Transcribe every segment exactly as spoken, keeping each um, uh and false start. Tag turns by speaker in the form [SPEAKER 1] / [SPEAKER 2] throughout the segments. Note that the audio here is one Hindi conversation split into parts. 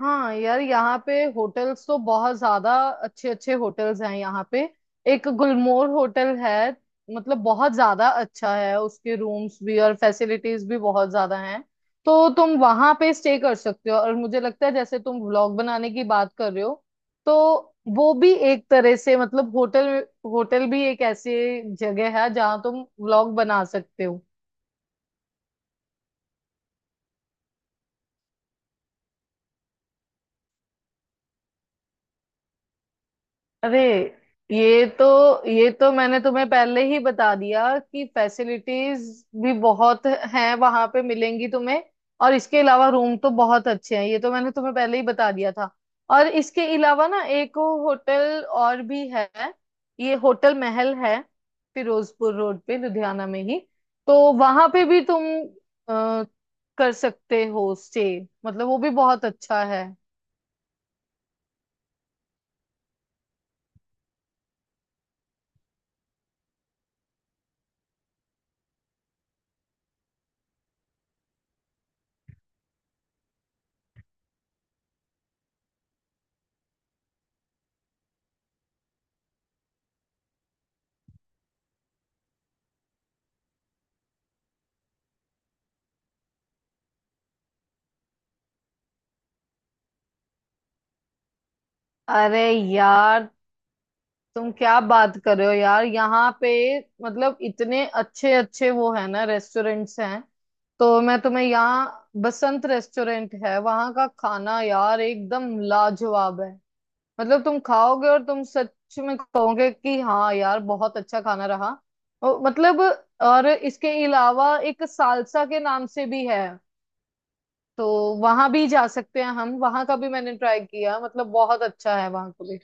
[SPEAKER 1] हाँ यार, यहाँ पे होटल्स तो बहुत ज्यादा अच्छे अच्छे होटल्स हैं यहाँ पे। एक गुलमोहर होटल है। मतलब बहुत ज्यादा अच्छा है, उसके रूम्स भी और फैसिलिटीज भी बहुत ज्यादा हैं। तो तुम वहां पे स्टे कर सकते हो। और मुझे लगता है जैसे तुम व्लॉग बनाने की बात कर रहे हो, तो वो भी एक तरह से, मतलब होटल होटल भी एक ऐसी जगह है जहाँ तुम व्लॉग बना सकते हो। अरे, ये तो ये तो मैंने तुम्हें पहले ही बता दिया कि फैसिलिटीज भी बहुत हैं वहां पे, मिलेंगी तुम्हें। और इसके अलावा रूम तो बहुत अच्छे हैं, ये तो मैंने तुम्हें पहले ही बता दिया था। और इसके अलावा ना, एक होटल और भी है। ये होटल महल है, फिरोजपुर रोड पे, लुधियाना में ही। तो वहां पे भी तुम अ, कर सकते हो स्टे। मतलब वो भी बहुत अच्छा है। अरे यार, तुम क्या बात कर रहे हो यार। यहाँ पे मतलब इतने अच्छे अच्छे वो है ना, रेस्टोरेंट्स हैं। तो मैं तुम्हें यहाँ, बसंत रेस्टोरेंट है, वहाँ का खाना यार एकदम लाजवाब है। मतलब तुम खाओगे और तुम सच में कहोगे कि हाँ यार, बहुत अच्छा खाना रहा। और मतलब और इसके अलावा एक सालसा के नाम से भी है। तो वहां भी जा सकते हैं हम। वहां का भी मैंने ट्राई किया, मतलब बहुत अच्छा है वहां का भी।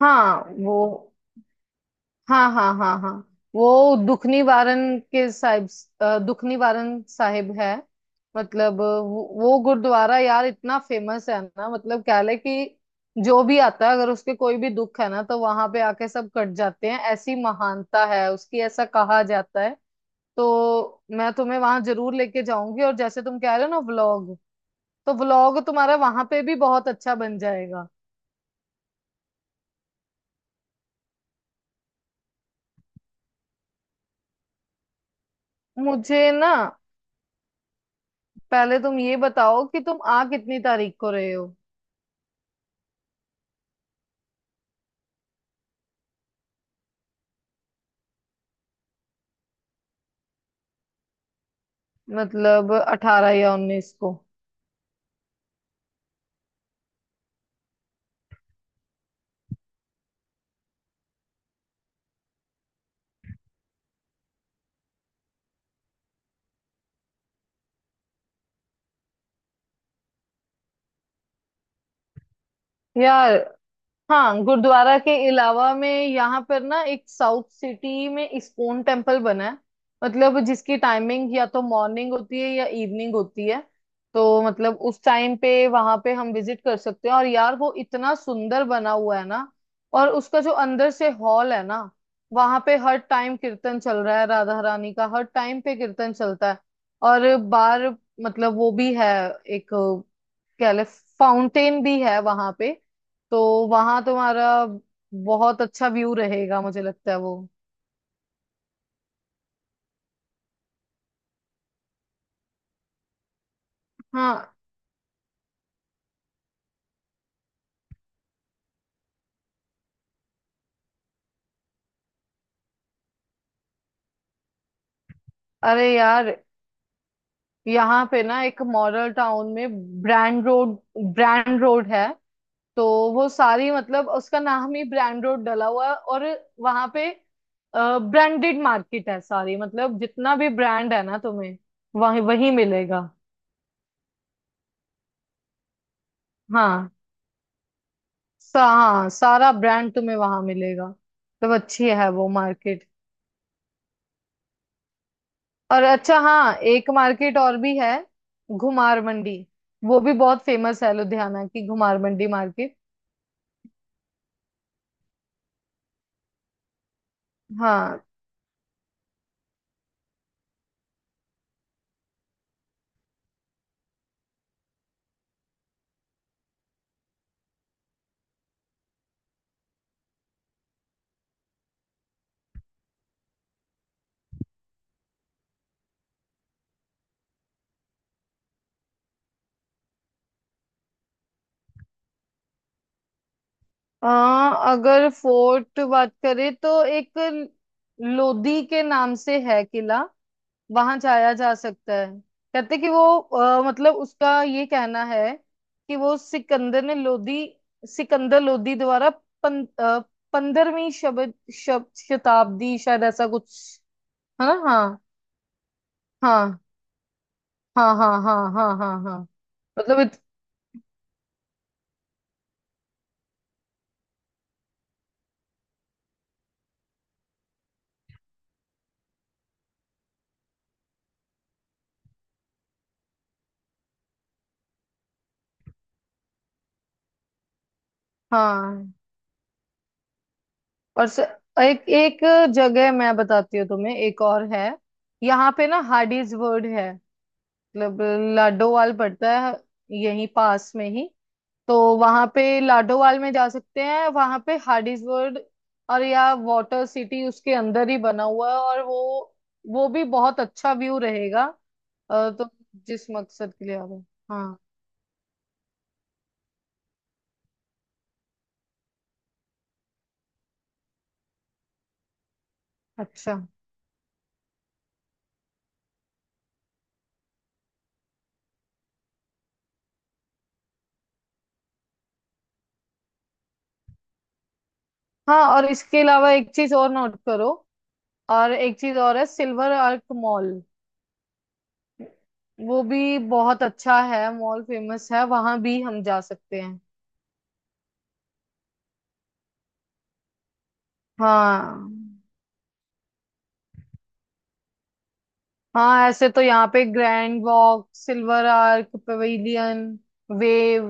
[SPEAKER 1] हाँ वो, हाँ हाँ हाँ हाँ, वो दुख निवारण के साहिब, अ, दुख निवारण साहिब है। मतलब वो, वो गुरुद्वारा यार इतना फेमस है ना। मतलब क्या है कि जो भी आता है, अगर उसके कोई भी दुख है ना, तो वहां पे आके सब कट जाते हैं। ऐसी महानता है उसकी, ऐसा कहा जाता है। तो मैं तुम्हें वहां जरूर लेके जाऊंगी। और जैसे तुम कह रहे हो ना व्लॉग, तो व्लॉग तुम्हारा वहां पे भी बहुत अच्छा बन जाएगा। मुझे ना, पहले तुम ये बताओ कि तुम आ कितनी तारीख को रहे हो। मतलब अठारह या उन्नीस को। यार, हाँ, गुरुद्वारा के अलावा में यहाँ पर ना, एक साउथ सिटी में इस्कॉन टेम्पल बना है। मतलब जिसकी टाइमिंग या तो मॉर्निंग होती है या इवनिंग होती है। तो मतलब उस टाइम पे वहां पे हम विजिट कर सकते हैं। और यार, वो इतना सुंदर बना हुआ है ना। और उसका जो अंदर से हॉल है ना, वहां पे हर टाइम कीर्तन चल रहा है, राधा रानी का हर टाइम पे कीर्तन चलता है। और बार, मतलब वो भी है, एक कह ले फाउंटेन भी है वहां पे। तो वहां तुम्हारा बहुत अच्छा व्यू रहेगा, मुझे लगता है वो। हाँ। अरे यार, यहाँ पे ना, एक मॉडल टाउन में ब्रांड रोड, ब्रांड रोड है। तो वो सारी, मतलब उसका नाम ही ब्रांड रोड डला हुआ है। और वहां पे ब्रांडेड मार्केट है सारी। मतलब जितना भी ब्रांड है ना, तुम्हें वही वही मिलेगा। हाँ, सा, हाँ सारा ब्रांड तुम्हें वहां मिलेगा। तो अच्छी है वो मार्केट। और अच्छा हाँ, एक मार्केट और भी है, घुमार मंडी। वो भी बहुत फेमस है, लुधियाना की घुमार मंडी मार्केट। हाँ। आ, अगर फोर्ट बात करें तो एक लोधी के नाम से है किला। वहां जाया जा सकता है। कहते कि वो अ, मतलब उसका ये कहना है कि वो सिकंदर ने लोधी, सिकंदर लोधी द्वारा पं, पंद्रहवीं शब, शब, शताब्दी शायद, ऐसा कुछ है ना। हाँ हाँ हाँ हाँ हाँ हाँ हाँ हाँ। मतलब इत, हाँ। और स, एक एक जगह मैं बताती हूँ तुम्हें, एक और है। यहाँ पे ना हार्डीज वर्ड है। मतलब लाडोवाल पड़ता है, यहीं पास में ही। तो वहां पे लाडोवाल में जा सकते हैं, वहां पे हार्डीज वर्ड और या वाटर सिटी उसके अंदर ही बना हुआ है। और वो वो भी बहुत अच्छा व्यू रहेगा। अ, तो जिस मकसद के लिए आ रहे हो। हाँ, अच्छा हाँ, और इसके अलावा एक चीज और नोट करो। और एक चीज और है, सिल्वर आर्क मॉल। वो भी बहुत अच्छा है मॉल, फेमस है, वहां भी हम जा सकते हैं। हाँ। हाँ, ऐसे तो यहाँ पे Grand Walk, Silver Arc, Pavilion, Wave,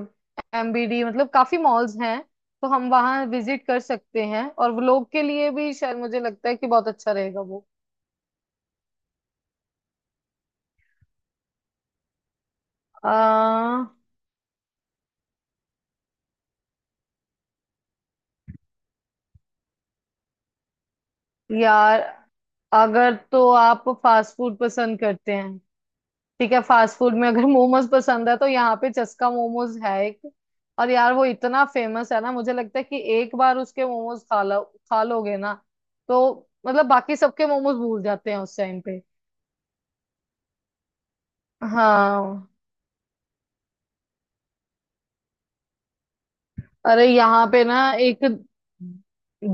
[SPEAKER 1] MBD, मतलब काफी मॉल्स हैं। तो हम वहाँ विजिट कर सकते हैं। और वो लोग के लिए भी शायद मुझे लगता है कि बहुत अच्छा रहेगा वो। आ, यार, अगर तो आप फास्ट फूड पसंद करते हैं, ठीक है। फास्ट फूड में अगर मोमोज पसंद है तो यहाँ पे चस्का मोमोज है एक। और यार, वो इतना फेमस है ना, मुझे लगता है कि एक बार उसके मोमोज खा लो, खा लोगे ना, तो मतलब बाकी सबके मोमोज भूल जाते हैं उस टाइम पे। हाँ। अरे, यहाँ पे ना एक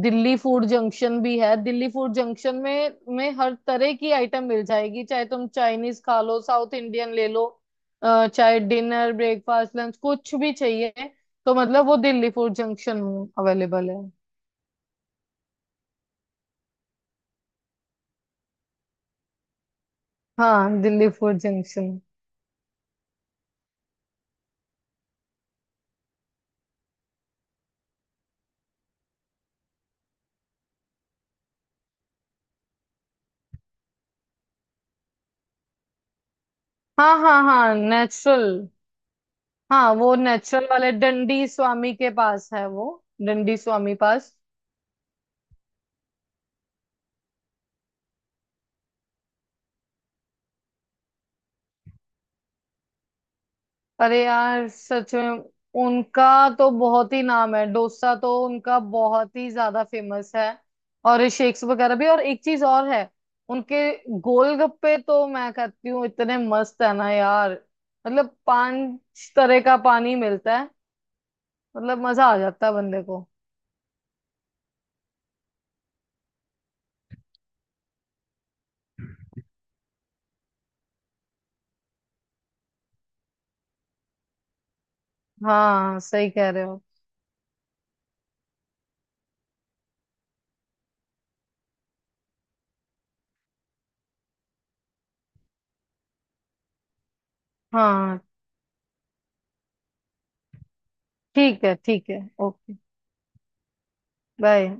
[SPEAKER 1] दिल्ली फूड जंक्शन भी है। दिल्ली फूड जंक्शन में में हर तरह की आइटम मिल जाएगी। चाहे तुम चाइनीज खा लो, साउथ इंडियन ले लो, अ, चाहे डिनर, ब्रेकफास्ट, लंच कुछ भी चाहिए, तो मतलब वो दिल्ली फूड जंक्शन में अवेलेबल है। हाँ, दिल्ली फूड जंक्शन। हाँ हाँ हाँ, नेचुरल। हाँ, वो नेचुरल वाले डंडी स्वामी के पास है वो, डंडी स्वामी पास। अरे यार, सच में उनका तो बहुत ही नाम है। डोसा तो उनका बहुत ही ज्यादा फेमस है, और शेक्स वगैरह भी। और एक चीज और है, उनके गोलगप्पे तो मैं कहती हूँ इतने मस्त है ना यार। मतलब पांच तरह का पानी मिलता है। मतलब मजा आ जाता है बंदे को। हाँ सही कह रहे हो। हाँ ठीक है, ठीक है। Okay, bye.